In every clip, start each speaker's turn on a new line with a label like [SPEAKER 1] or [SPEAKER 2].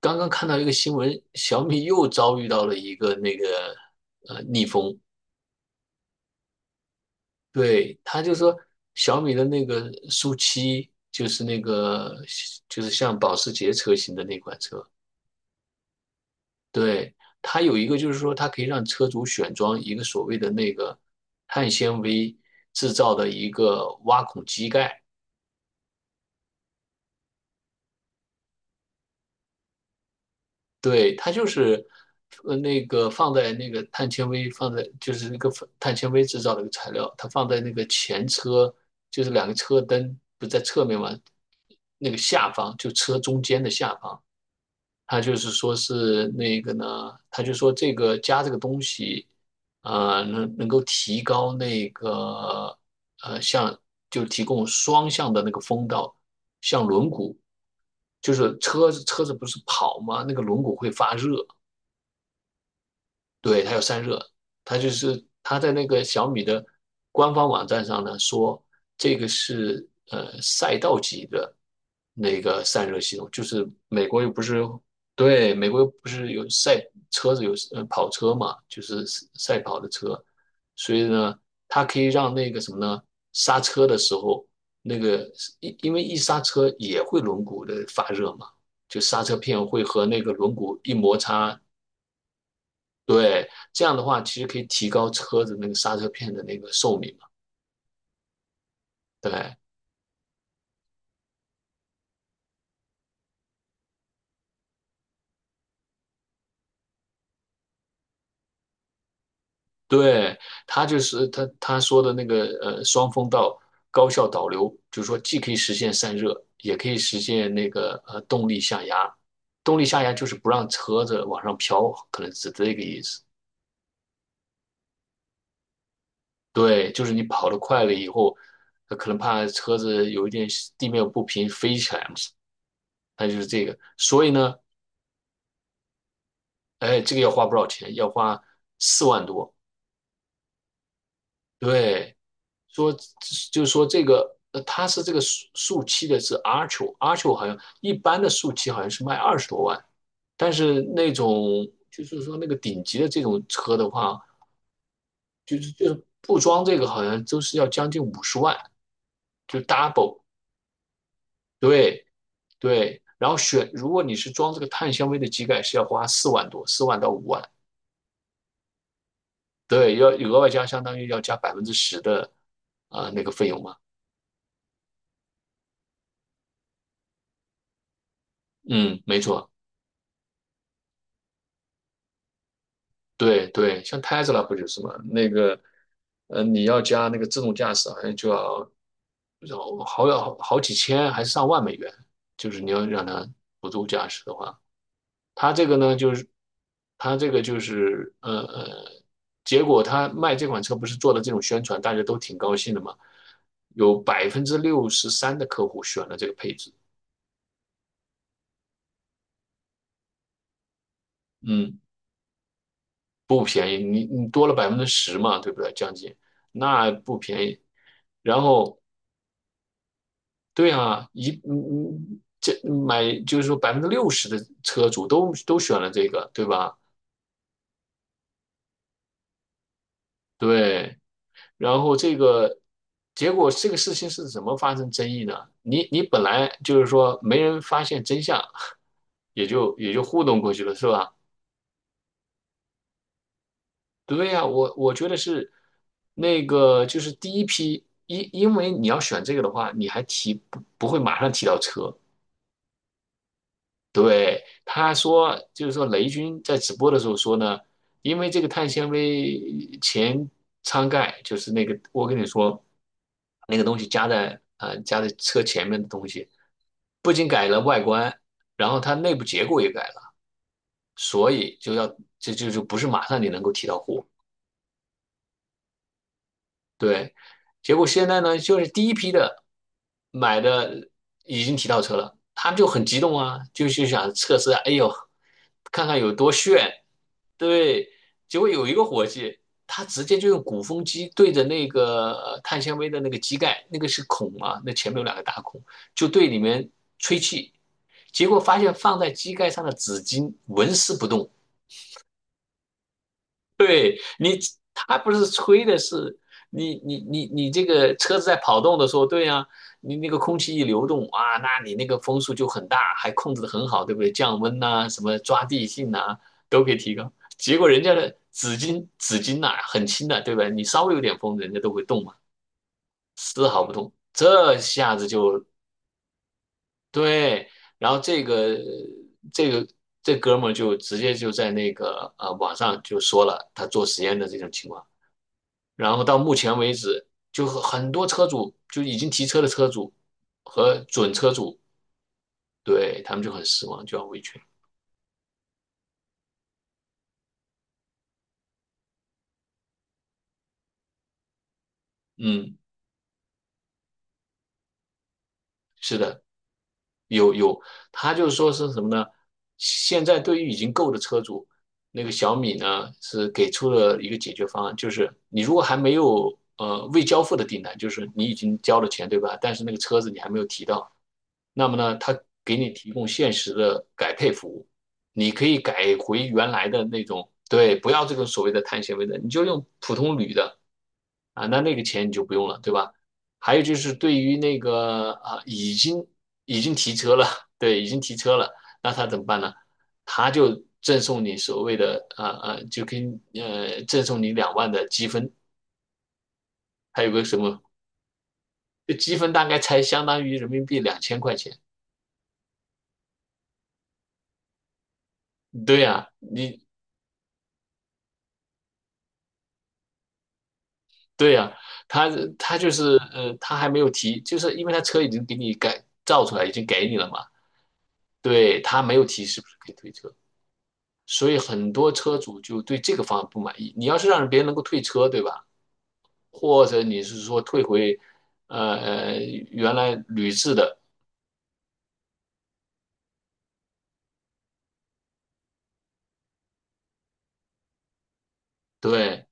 [SPEAKER 1] 刚刚看到一个新闻，小米又遭遇到了一个逆风。对，他就说小米的那个苏七，就是像保时捷车型的那款车，对，它有一个就是说它可以让车主选装一个所谓的那个碳纤维制造的一个挖孔机盖。对，它就是，那个放在那个碳纤维放在就是那个碳纤维制造的一个材料，它放在那个前车，就是两个车灯不在侧面嘛，那个下方就车中间的下方，他就是说是那个呢，他就说这个加这个东西，能够提高那个像就提供双向的那个风道，像轮毂，就是车子不是跑吗？那个轮毂会发热，对，它有散热，它就是它在那个小米的官方网站上呢说，这个是赛道级的那个散热系统，美国又不是有赛车子有呃跑车嘛，就是赛跑的车，所以呢，它可以让那个什么呢，刹车的时候那个因为一刹车也会轮毂的发热嘛，就刹车片会和那个轮毂一摩擦。对，这样的话其实可以提高车子那个刹车片的那个寿命嘛。对，对，他就是他他说的那个双风道高效导流，就是说既可以实现散热，也可以实现那个动力下压。动力下压就是不让车子往上飘，可能是这个意思。对，就是你跑得快了以后，可能怕车子有一点地面不平飞起来嘛。它就是这个，所以呢，哎，这个要花不少钱，要花四万多，对，说就是说这个，它是这个树漆的是 Archo，Archo 好像一般的树漆好像是卖20多万，但是那种就是说那个顶级的这种车的话，就是不装这个好像都是要将近五十万，就 double。对对，然后选如果你是装这个碳纤维的机盖是要花四万多，4万到5万，对，要额外加相当于要加百分之十的那个费用嘛。嗯，没错。对对，像 Tesla 不就是嘛？那个，你要加那个自动驾驶，好像就要要好几千还是上万美元，就是你要让它辅助驾驶的话，它这个呢，就是它这个就是，结果他卖这款车不是做了这种宣传，大家都挺高兴的嘛，有63%的客户选了这个配置。嗯，不便宜，你多了百分之十嘛，对不对？将近，那不便宜。然后对啊，一嗯嗯，这买就是说百分之六十的车主都选了这个，对吧？对，然后这个结果这个事情是怎么发生争议呢？你本来就是说没人发现真相，也就糊弄过去了，是吧？对呀，我觉得是那个就是第一批，因为你要选这个的话，你还提不不会马上提到车，对，他说，就是说雷军在直播的时候说呢，因为这个碳纤维前舱盖，就是那个我跟你说那个东西加在加在车前面的东西，不仅改了外观，然后它内部结构也改了，所以就要这就不是马上你能够提到货。对，结果现在呢，就是第一批的买的已经提到车了，他们就很激动啊，就想测试啊，哎呦，看看有多炫。对，结果有一个伙计，他直接就用鼓风机对着那个碳纤维的那个机盖，那个是孔啊，那前面有两个大孔，就对里面吹气，结果发现放在机盖上的纸巾纹丝不动。对你，他不是吹的是你这个车子在跑动的时候，对呀，你那个空气一流动啊，那你那个风速就很大，还控制的很好，对不对？降温呐、什么抓地性呐、都可以提高。结果人家的纸巾呐、很轻的，对吧？你稍微有点风，人家都会动嘛，丝毫不动。这下子就对，然后这个这哥们儿就直接就在那个网上就说了他做实验的这种情况。然后到目前为止，就很多车主就已经提车的车主和准车主，对，他们就很失望，就要维权。嗯，是的。有有，他就是说是什么呢？现在对于已经购的车主，那个小米呢是给出了一个解决方案，就是你如果还没有未交付的订单，就是你已经交了钱对吧？但是那个车子你还没有提到，那么呢，他给你提供限时的改配服务，你可以改回原来的那种，对，不要这个所谓的碳纤维的，你就用普通铝的啊，那那个钱你就不用了，对吧？还有就是对于那个啊，已经已经提车了，对，已经提车了，那他怎么办呢？他就赠送你所谓的就跟赠送你两万的积分，还有个什么这积分大概才相当于人民币2000块钱。对呀，你对呀，他他就是他还没有提，就是因为他车已经给你改造出来，已经给你了嘛，对，他没有提是不是可以退车。所以很多车主就对这个方案不满意。你要是让别人能够退车，对吧？或者你是说退回，呃，呃原来铝制的，对，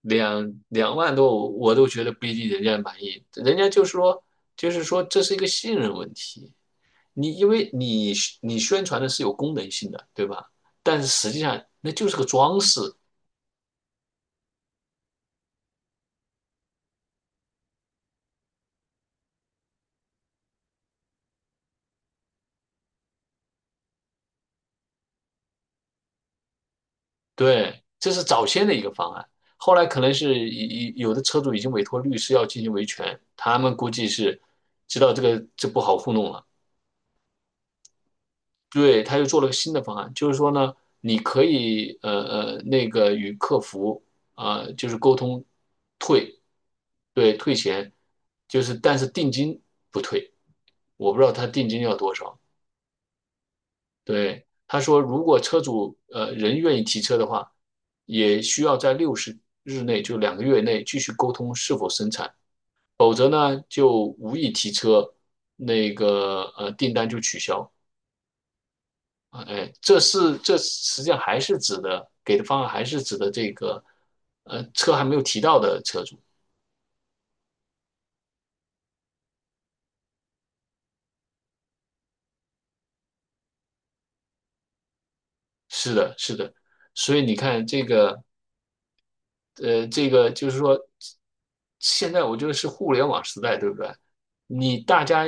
[SPEAKER 1] 两万多我都觉得不一定人家满意。人家就说，就是说这是一个信任问题。你因为你宣传的是有功能性的，对吧？但是实际上那就是个装饰，对，这是早先的一个方案，后来可能是以有的车主已经委托律师要进行维权，他们估计是知道这个这不好糊弄了，对，他又做了个新的方案，就是说呢，你可以那个与客服就是沟通退，对，退钱，就是但是定金不退，我不知道他定金要多少，对，他说如果车主人愿意提车的话，也需要在60日内，就2个月内继续沟通是否生产，否则呢就无意提车，那个订单就取消。啊哎，这是这实际上还是指的给的方案还是指的这个车还没有提到的车主。是的，是的，所以你看这个这个就是说，现在我觉得是互联网时代，对不对？你大家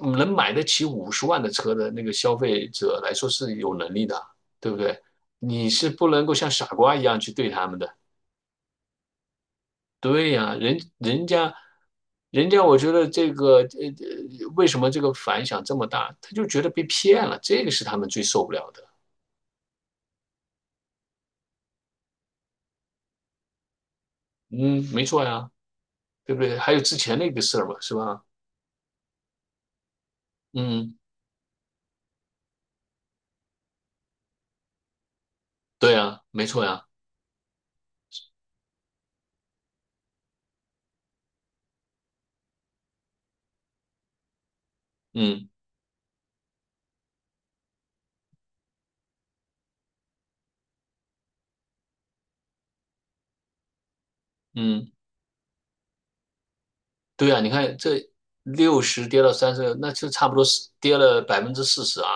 [SPEAKER 1] 能买得起五十万的车的那个消费者来说是有能力的，对不对？你是不能够像傻瓜一样去对他们的。对呀，人家，人家，我觉得这个为什么这个反响这么大？他就觉得被骗了，这个是他们最受不了的。嗯，没错呀，对不对？还有之前那个事儿嘛，是吧？嗯，对呀，没错呀，嗯嗯，对呀，你看这六十跌到30，那就差不多是跌了40%啊。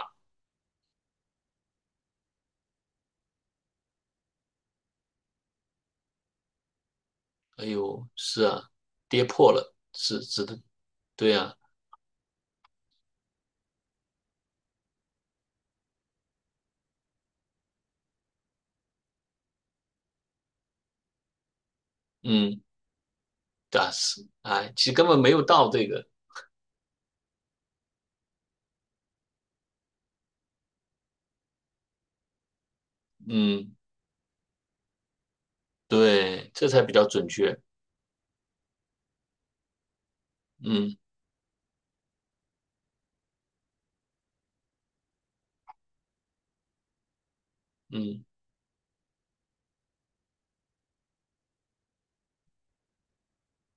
[SPEAKER 1] 哎呦，是啊，跌破了，是值得，对啊，嗯，但是，哎，其实根本没有到这个，嗯，对，这才比较准确，嗯嗯，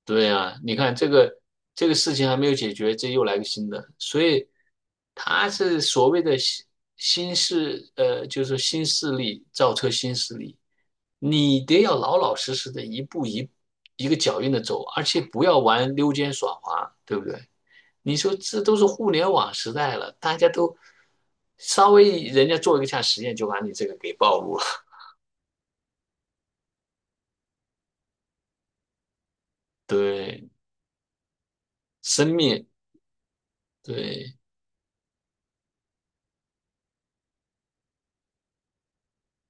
[SPEAKER 1] 对啊，你看这个这个事情还没有解决，这又来个新的，所以他是所谓的新新势，呃，就是说新势力造车新势力，你得要老老实实的一步一一个脚印的走，而且不要玩溜肩耍滑，对不对？你说这都是互联网时代了，大家都稍微人家做一下实验就把你这个给暴露了。对，生命，对，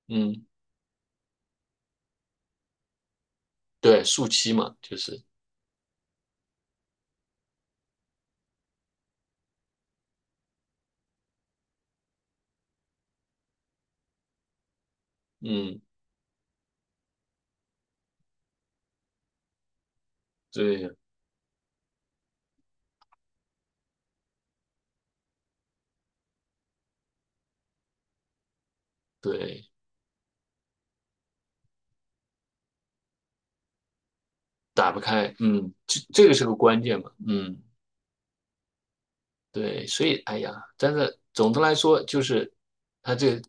[SPEAKER 1] 嗯，对，树栖嘛，就是，嗯，对对，打不开，嗯，这这个是个关键嘛，嗯。对，所以哎呀，但是总的来说，就是他这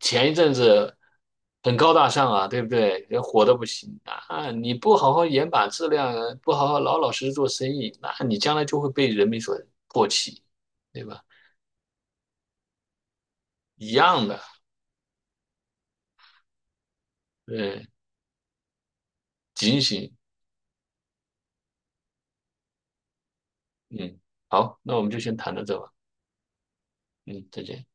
[SPEAKER 1] 前一阵子很高大上啊，对不对？人火得不行啊！你不好好严把质量，不好好老老实实做生意，那你将来就会被人民所唾弃，对吧？一样的，对，警醒。嗯，好，那我们就先谈到这吧。嗯，再见。